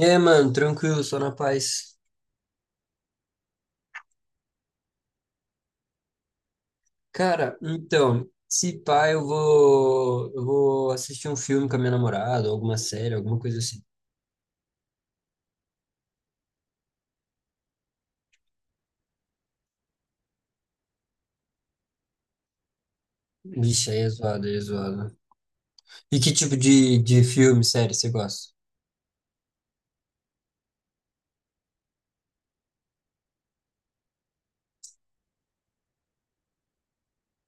É, mano, tranquilo, só na paz. Cara, então, se pá, eu vou assistir um filme com a minha namorada, alguma série, alguma coisa assim. Vixe, aí é zoado, aí é zoado. E que tipo de filme, série você gosta?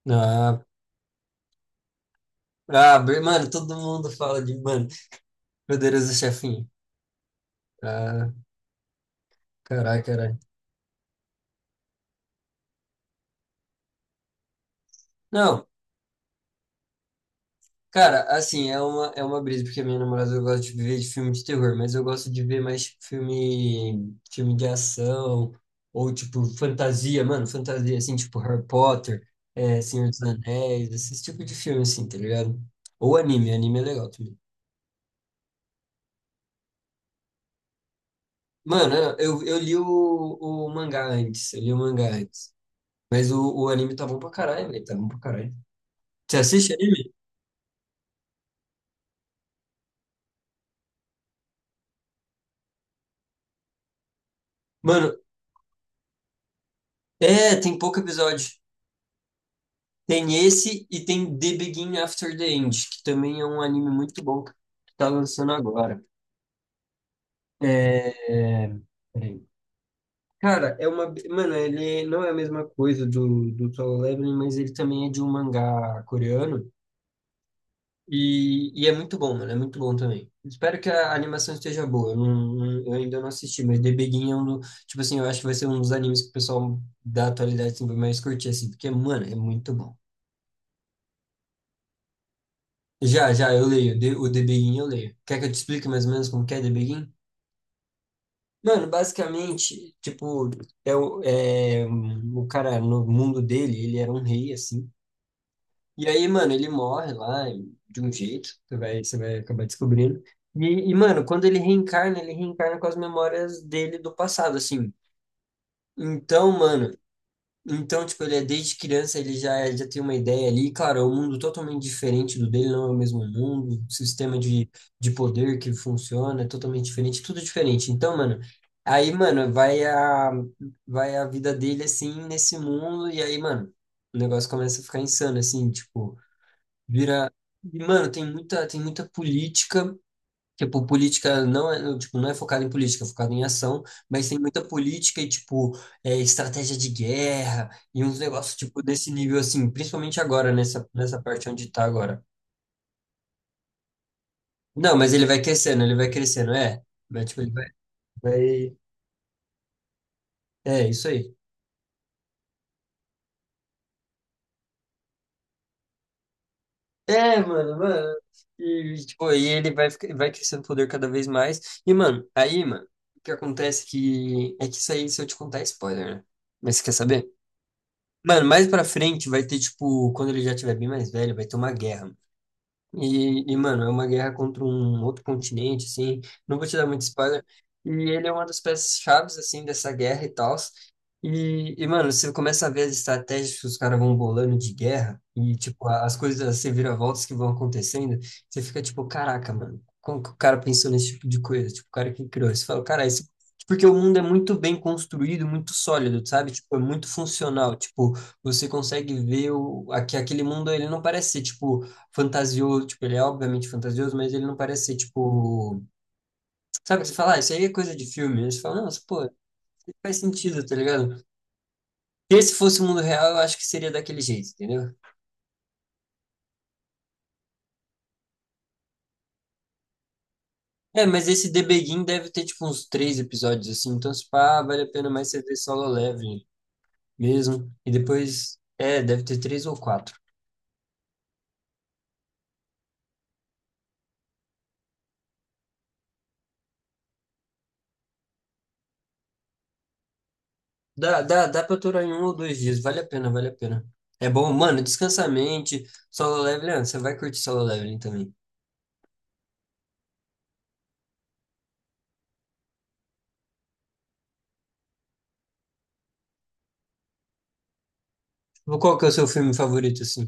Ah, Mano, todo mundo fala de, mano, Poderoso Chefinho. Ah, carai, carai. Não, cara, assim, é uma brisa, porque a minha namorada gosta de ver de filme de terror, mas eu gosto de ver mais tipo, filme, filme de ação, ou tipo fantasia, mano, fantasia, assim, tipo Harry Potter, é, Senhor dos Anéis, esse tipo de filme, assim, tá ligado? Ou anime, anime é legal também. Mano, eu li o mangá antes, eu li o mangá antes, mas o anime tá bom pra caralho, velho, tá bom pra caralho. Você assiste anime? Mano, é, tem pouco episódio. Tem esse e tem The Begin After the End, que também é um anime muito bom que tá lançando agora. É... Peraí. Cara, é uma. Mano, ele não é a mesma coisa do, do Solo Leveling, mas ele também é de um mangá coreano. E é muito bom, mano. É muito bom também. Espero que a animação esteja boa. Eu ainda não assisti, mas The Begin é um. Do- Tipo assim, eu acho que vai ser um dos animes que o pessoal da atualidade assim, vai mais curtir, assim, porque, mano, é muito bom. Já, já, eu leio. De- O The Begin eu leio. Quer que eu te explique mais ou menos como que é The Begin? Mano, basicamente, tipo, é o, é, um, o cara no mundo dele, ele era um rei, assim. E aí, mano, ele morre lá e- de um jeito, você vai acabar descobrindo. E, mano, quando ele reencarna com as memórias dele do passado, assim. Então, mano, então, tipo, ele é desde criança, ele já, já tem uma ideia ali. Claro, é um mundo totalmente diferente do dele, não é o mesmo mundo. O sistema de poder que funciona é totalmente diferente, tudo diferente. Então, mano, aí, mano, vai a, vai a vida dele, assim, nesse mundo. E aí, mano, o negócio começa a ficar insano, assim, tipo, vira... E, mano, tem muita política. Tipo, política não é, tipo, não é focada em política, é focada em ação, mas tem muita política e, tipo, é, estratégia de guerra e uns negócios, tipo, desse nível, assim, principalmente agora, nessa, nessa parte onde tá agora. Não, mas ele vai crescendo, é. Mas, tipo, ele vai, vai... É, isso aí. É, mano, mano. E, tipo, aí ele vai, fica- vai crescendo o poder cada vez mais. E, mano, aí, mano, o que acontece que... É que isso aí, se eu te contar, é spoiler, né? Mas você quer saber? Mano, mais pra frente vai ter, tipo, quando ele já tiver bem mais velho, vai ter uma guerra. E, mano, é uma guerra contra um outro continente, assim. Não vou te dar muito spoiler. E ele é uma das peças-chaves, assim, dessa guerra e tal. E, mano, você começa a ver as estratégias que os caras vão bolando de guerra e, tipo, a- as coisas, as reviravoltas que vão acontecendo. Você fica, tipo, caraca, mano, como que o cara pensou nesse tipo de coisa? Tipo, o cara que criou. Você fala, cara, isso... é porque o mundo é muito bem construído, muito sólido, sabe? Tipo, é muito funcional. Tipo, você consegue ver o... aque- aquele mundo, ele não parece ser, tipo fantasioso, tipo, ele é obviamente fantasioso, mas ele não parece ser, tipo, sabe o que você fala? Ah, isso aí é coisa de filme. Aí você fala, nossa, pô, isso faz sentido, tá ligado? Se esse fosse o mundo real, eu acho que seria daquele jeito, entendeu? É, mas esse The Begin deve ter, tipo, uns três episódios, assim, então, se pá, vale a pena mais você ver solo leve mesmo, e depois, é, deve ter três ou quatro. Dá, dá, dá pra aturar em um ou dois dias, vale a pena, vale a pena. É bom, mano, descansa a mente, solo leveling, ah, você vai curtir solo leveling também. Qual que é o seu filme favorito, assim?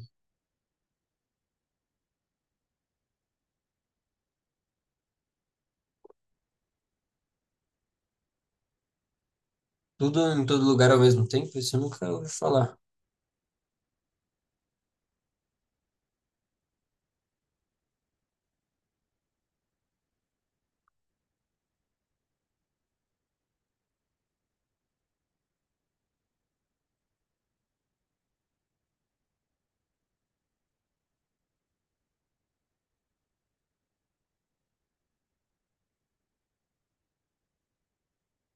Tudo em todo lugar ao mesmo tempo? Isso eu nunca ouvi falar.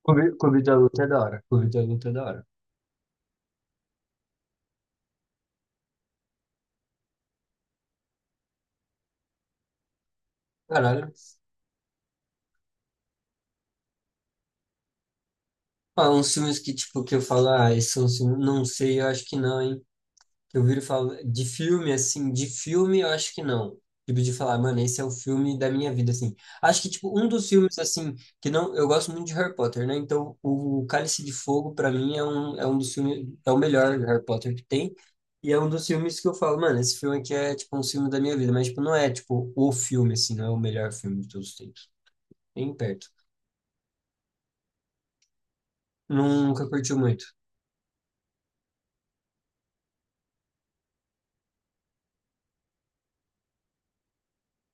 Clube da Luta é da hora. Clube da Luta é da hora. Caralho. Ah, uns filmes que, tipo, que eu falo, ah, esse é um não sei, eu acho que não, hein? Que eu viro falar de filme, assim, de filme eu acho que não. Tipo, de falar, mano, esse é o filme da minha vida, assim. Acho que, tipo, um dos filmes, assim, que não. Eu gosto muito de Harry Potter, né? Então, o Cálice de Fogo, pra mim, é um dos filmes. É o melhor Harry Potter que tem. E é um dos filmes que eu falo, mano, esse filme aqui é, tipo, um filme da minha vida. Mas, tipo, não é, tipo, o filme, assim, não é o melhor filme de todos os tempos. Nem perto. Nunca curtiu muito.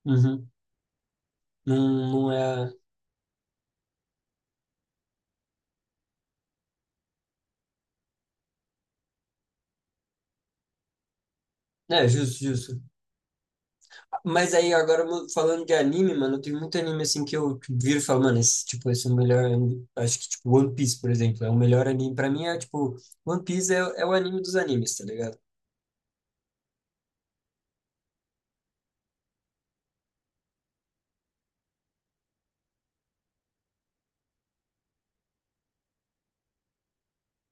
Uhum. Não, não é. É, justo, justo. Mas aí, agora mu- falando de anime, mano, tem muito anime assim que eu viro e falo, mano, esse, tipo, esse é o melhor. Anime. Acho que, tipo, One Piece, por exemplo, é o melhor anime. Pra mim é, tipo, One Piece é, é o anime dos animes, tá ligado?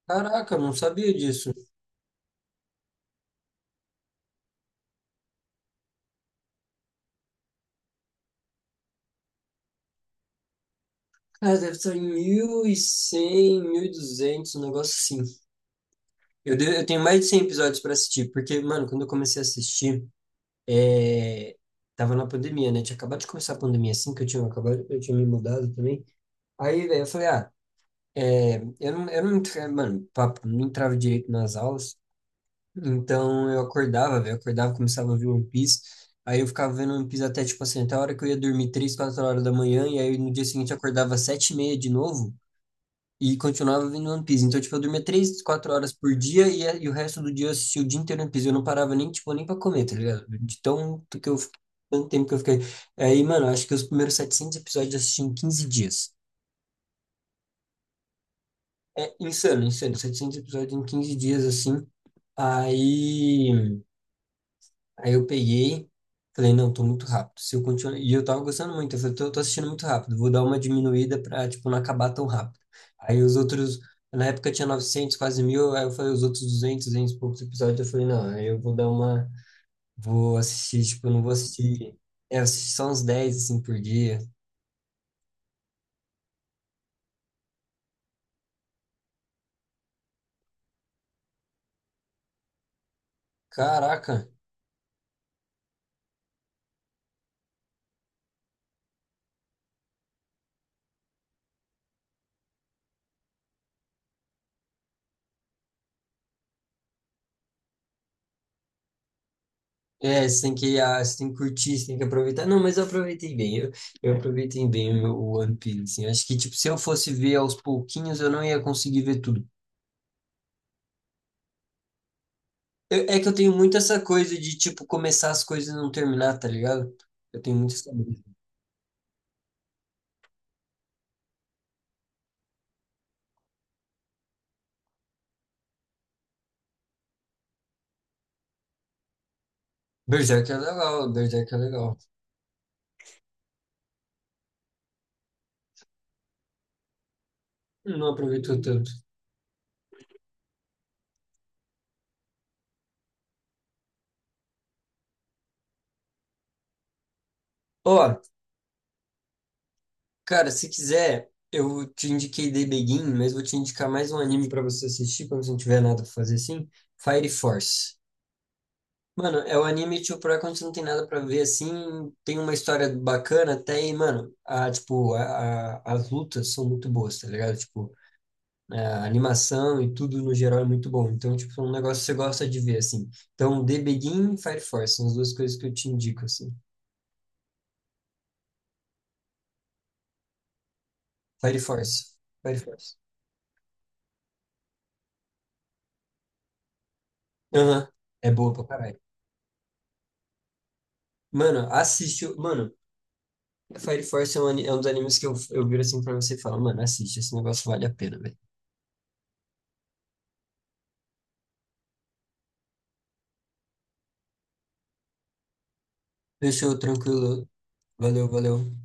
Caraca, eu não sabia disso. Cara, deve estar em 1100, duzentos um negócio assim. Eu tenho mais de 100 episódios pra assistir, porque, mano, quando eu comecei a assistir, é, tava na pandemia, né? Tinha acabado de começar a pandemia assim, que eu tinha acabado, eu tinha me mudado também. Aí, velho, eu falei, ah, É, eu não, entra- mano, papo, não entrava direito nas aulas, então eu acordava, velho, acordava, começava a ver One Piece, aí eu ficava vendo One Piece até, tipo assim, até a hora que eu ia dormir, 3, 4 horas da manhã, e aí no dia seguinte eu acordava às 7:30 de novo, e continuava vendo One Piece, então, tipo, eu dormia 3, 4 horas por dia, e, a- e o resto do dia eu assistia o dia inteiro One Piece, eu não parava nem, tipo, nem pra comer, tá ligado? De tão, que eu, fi- Tanto tempo que eu fiquei, aí, mano, acho que os primeiros 700 episódios eu assisti em 15 dias. É insano, insano. 700 episódios em 15 dias, assim. Aí, aí eu peguei, falei, não, tô muito rápido. Se eu continuar... E eu tava gostando muito. Eu falei, tô assistindo muito rápido. Vou dar uma diminuída pra, tipo, não acabar tão rápido. Aí os outros... Na época tinha 900, quase mil. Aí eu falei, os outros 200 200 e poucos episódios. Eu falei, não, aí eu vou dar uma... Vou assistir, tipo, eu não vou assistir... É, eu assisti só uns 10 assim, por dia. Caraca, é, você tem que, ah, você tem que curtir, você tem que aproveitar. Não, mas eu aproveitei bem. Eu aproveitei bem o One Piece. Assim. Acho que, tipo, se eu fosse ver aos pouquinhos, eu não ia conseguir ver tudo. Eu- é que eu tenho muito essa coisa de, tipo, começar as coisas e não terminar, tá ligado? Eu tenho muito essa brisa. Berserk é legal, Berserk é legal. Não aproveitou tanto. Ó, cara, se quiser, eu te indiquei The Begin, mas vou te indicar mais um anime pra você assistir quando você não tiver nada pra fazer assim. Fire Force. Mano, é o anime, tipo, pra quando você não tem nada pra ver, assim, tem uma história bacana até e, mano, a, tipo, a- as lutas são muito boas, tá ligado? Tipo, é, a animação e tudo no geral é muito bom. Então, tipo, é um negócio que você gosta de ver, assim. Então, The Begin e Fire Force são as duas coisas que eu te indico, assim. Fire Force. Fire Force. Aham. É boa pra caralho. Mano, Fire Force é um, ani- é um dos animes que eu viro assim pra você e falo, mano, assiste, esse negócio vale a pena, velho. Fechou, tranquilo. Valeu, valeu.